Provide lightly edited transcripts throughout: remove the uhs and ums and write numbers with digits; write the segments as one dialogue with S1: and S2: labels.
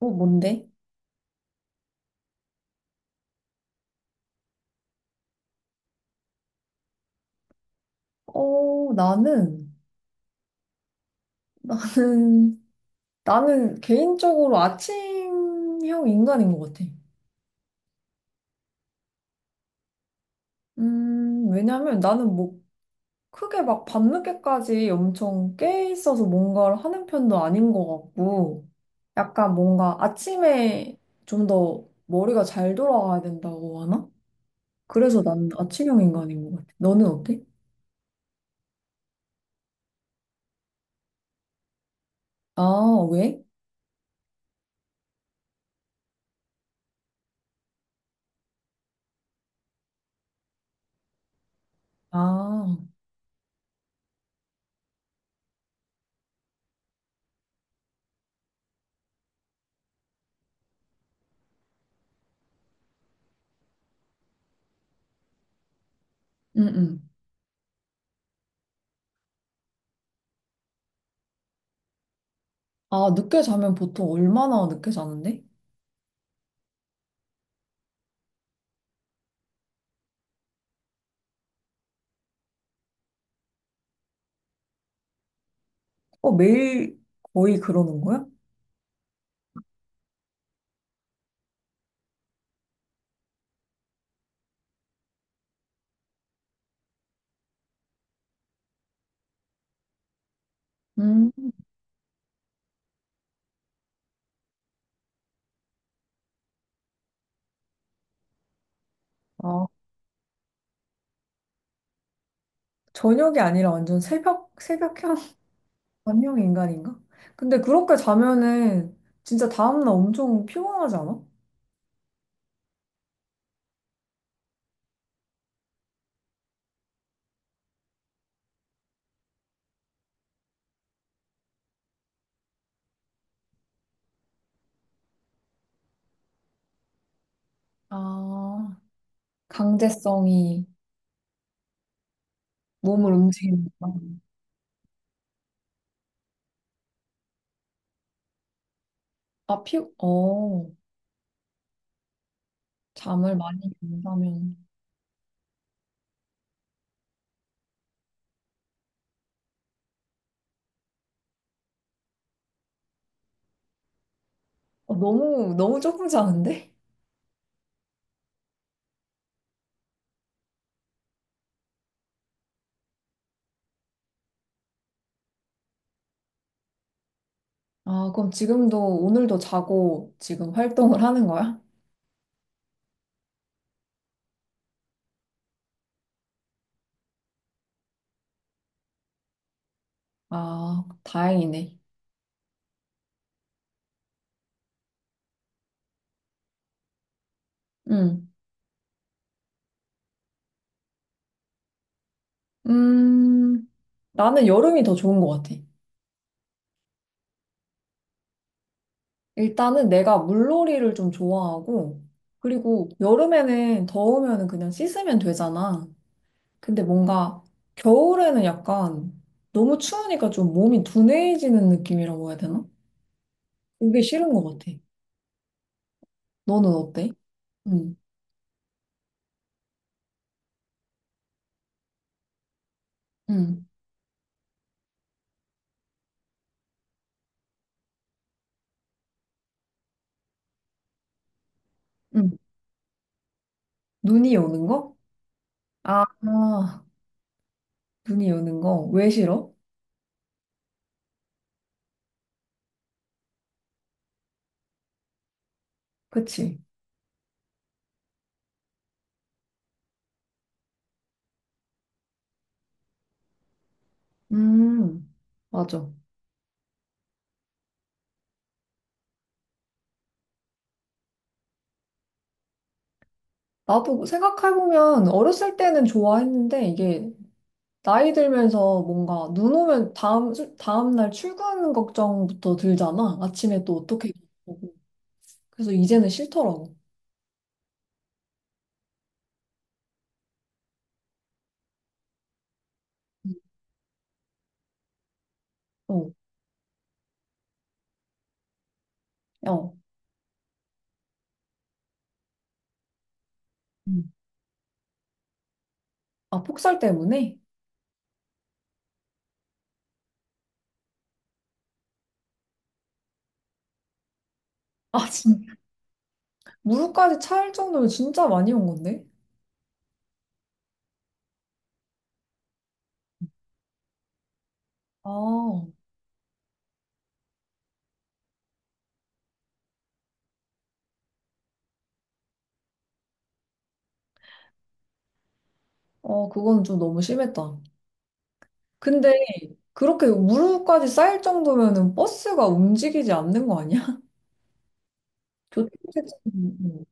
S1: 어, 뭔데? 어, 나는, 나는, 개인적으로 아침형 인간인 것 같아. 왜냐면 나는 크게 막 밤늦게까지 엄청 깨 있어서 뭔가를 하는 편도 아닌 것 같고, 약간 뭔가 아침에 좀 더 머리가 잘 돌아가야 된다고 하나? 그래서 난 아침형 인간인 것 같아. 너는 어때? 아, 왜? 아, 응, 응. 아, 늦게 자면 보통 얼마나 늦게 자는데? 어, 매일 거의 그러는 거야? 음, 아, 저녁이 아니라 완전 새벽, 새벽형, 완영 인간인가? 근데 그렇게 자면은 진짜 다음날 엄청 피곤하지 않아? 아, 강제성이 몸을 움직이니까. 아, 피, 어, 잠을 많이 잔다면. 어, 너무, 너무 조금 자는데? 아, 그럼 지금도, 오늘도 자고 지금 활동을 하는 거야? 아, 다행이네. 응. 음, 나는 여름이 더 좋은 것 같아. 일단은 내가 물놀이를 좀 좋아하고, 그리고 여름에는 더우면 그냥 씻으면 되잖아. 근데 뭔가 겨울에는 약간 너무 추우니까 좀 몸이 둔해지는 느낌이라고 해야 되나? 그게 싫은 것 같아. 너는 어때? 응, 응, 응. 눈이 오는 거? 아, 아, 눈이 오는 거. 왜 싫어? 그치? 음, 맞아. 나도 생각해보면 어렸을 때는 좋아했는데 이게 나이 들면서 뭔가 눈 오면 다음 날 출근 걱정부터 들잖아. 아침에 또 어떻게 보고. 그래서 이제는 싫더라고. 어, 어. 음. 아, 폭설 때문에? 아, 진짜. 무릎까지 차일 정도면 진짜 많이 온 건데? 아, 어, 그건 좀 너무 심했다. 근데 그렇게 무릎까지 쌓일 정도면은 버스가 움직이지 않는 거 아니야? 교통체증.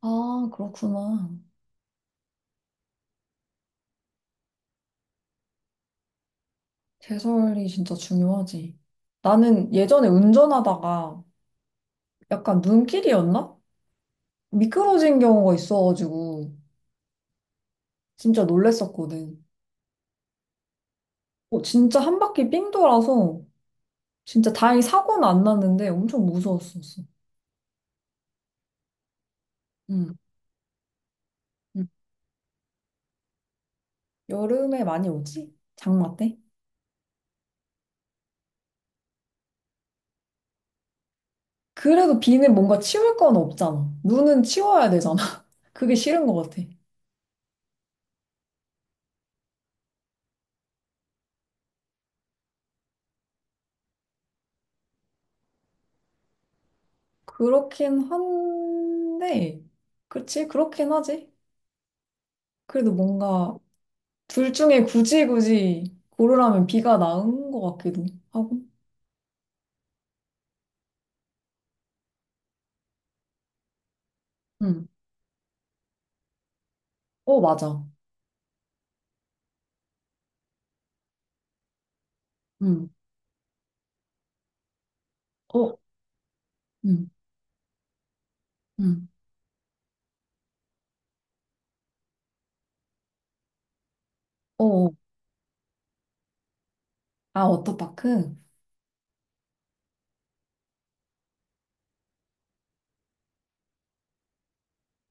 S1: 아, 그렇구나. 제설이 진짜 중요하지. 나는 예전에 운전하다가 약간 눈길이었나? 미끄러진 경우가 있어가지고 진짜 놀랬었거든. 어, 진짜 한 바퀴 삥 돌아서 진짜 다행히 사고는 안 났는데 엄청 무서웠었어. 응. 응. 여름에 많이 오지? 장마 때? 그래도 비는 뭔가 치울 건 없잖아. 눈은 치워야 되잖아. 그게 싫은 것 같아. 그렇긴 한데, 그치? 그렇긴 하지. 그래도 뭔가 둘 중에 굳이 굳이 고르라면 B가 나은 것 같기도 하고. 응. 어, 맞아. 응. 어, 응. 응. 어. 어. 아, 워터파크?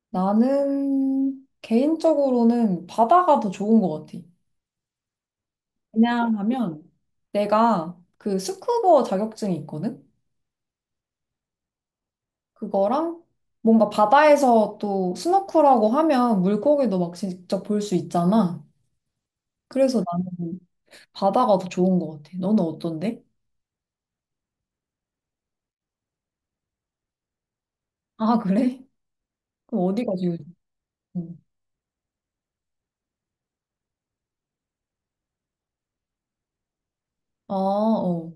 S1: 나는 개인적으로는 바다가 더 좋은 것 같아. 왜냐하면 내가 그 스쿠버 자격증이 있거든? 그거랑 뭔가 바다에서 또 스노클하고 하면 물고기도 막 직접 볼 수 있잖아. 그래서 나는 바다가 더 좋은 것 같아. 너는 어떤데? 아, 그래? 그럼 어디가 제일 좋고? 아, 어.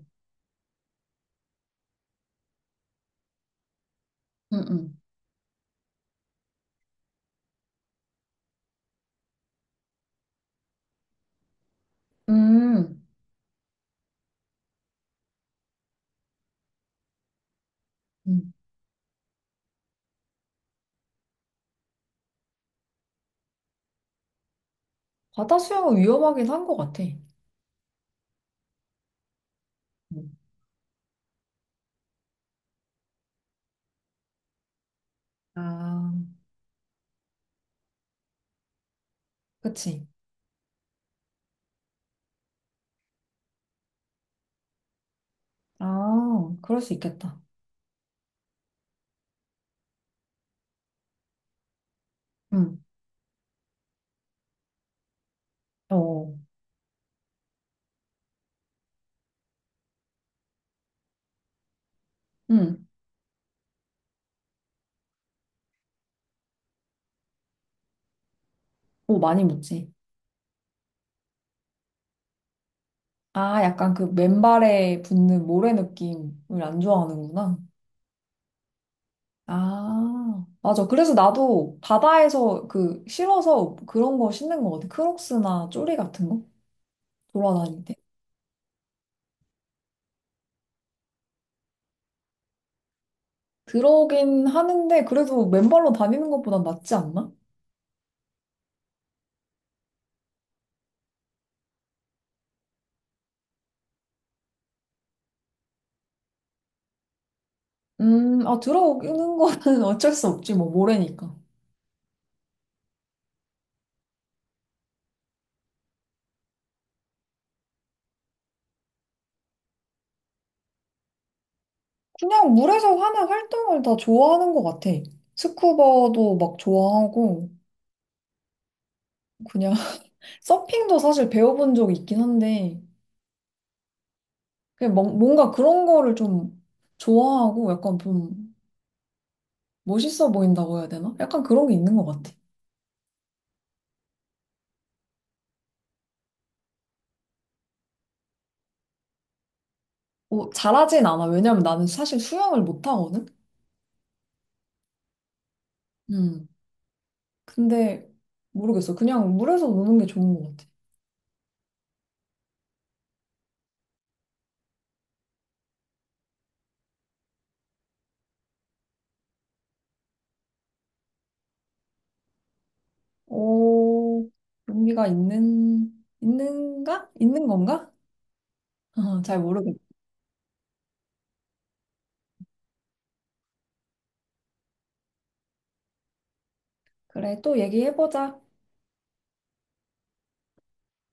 S1: 응, 응. 음, 음. 바다 수영은 위험하긴 한 것 같아. 음. 아, 그치? 아, 그럴 수 있겠다. 응, 어, 응. 오, 많이 묻지. 아, 약간 그 맨발에 붙는 모래 느낌을 안 좋아하는구나. 아, 맞아. 그래서 나도 바다에서 그 싫어서 그런 거 신는 거 같아. 크록스나 쪼리 같은 거? 돌아다닐 때. 들어오긴 하는데, 그래도 맨발로 다니는 것보단 낫지 않나? 아, 들어오는 거는 어쩔 수 없지, 뭐, 모래니까. 그냥 물에서 하는 활동을 다 좋아하는 것 같아. 스쿠버도 막 좋아하고, 그냥 서핑도 사실 배워본 적이 있긴 한데, 그냥 뭔가 그런 거를 좀 좋아하고, 약간 좀 멋있어 보인다고 해야 되나? 약간 그런 게 있는 것 같아. 뭐, 잘하진 않아. 왜냐면 나는 사실 수영을 못 하거든? 음. 근데, 모르겠어. 그냥 물에서 노는 게 좋은 것 같아. 오, 용기가 있는, 있는가? 있는 건가? 어, 잘 모르겠. 그래, 또 얘기해보자.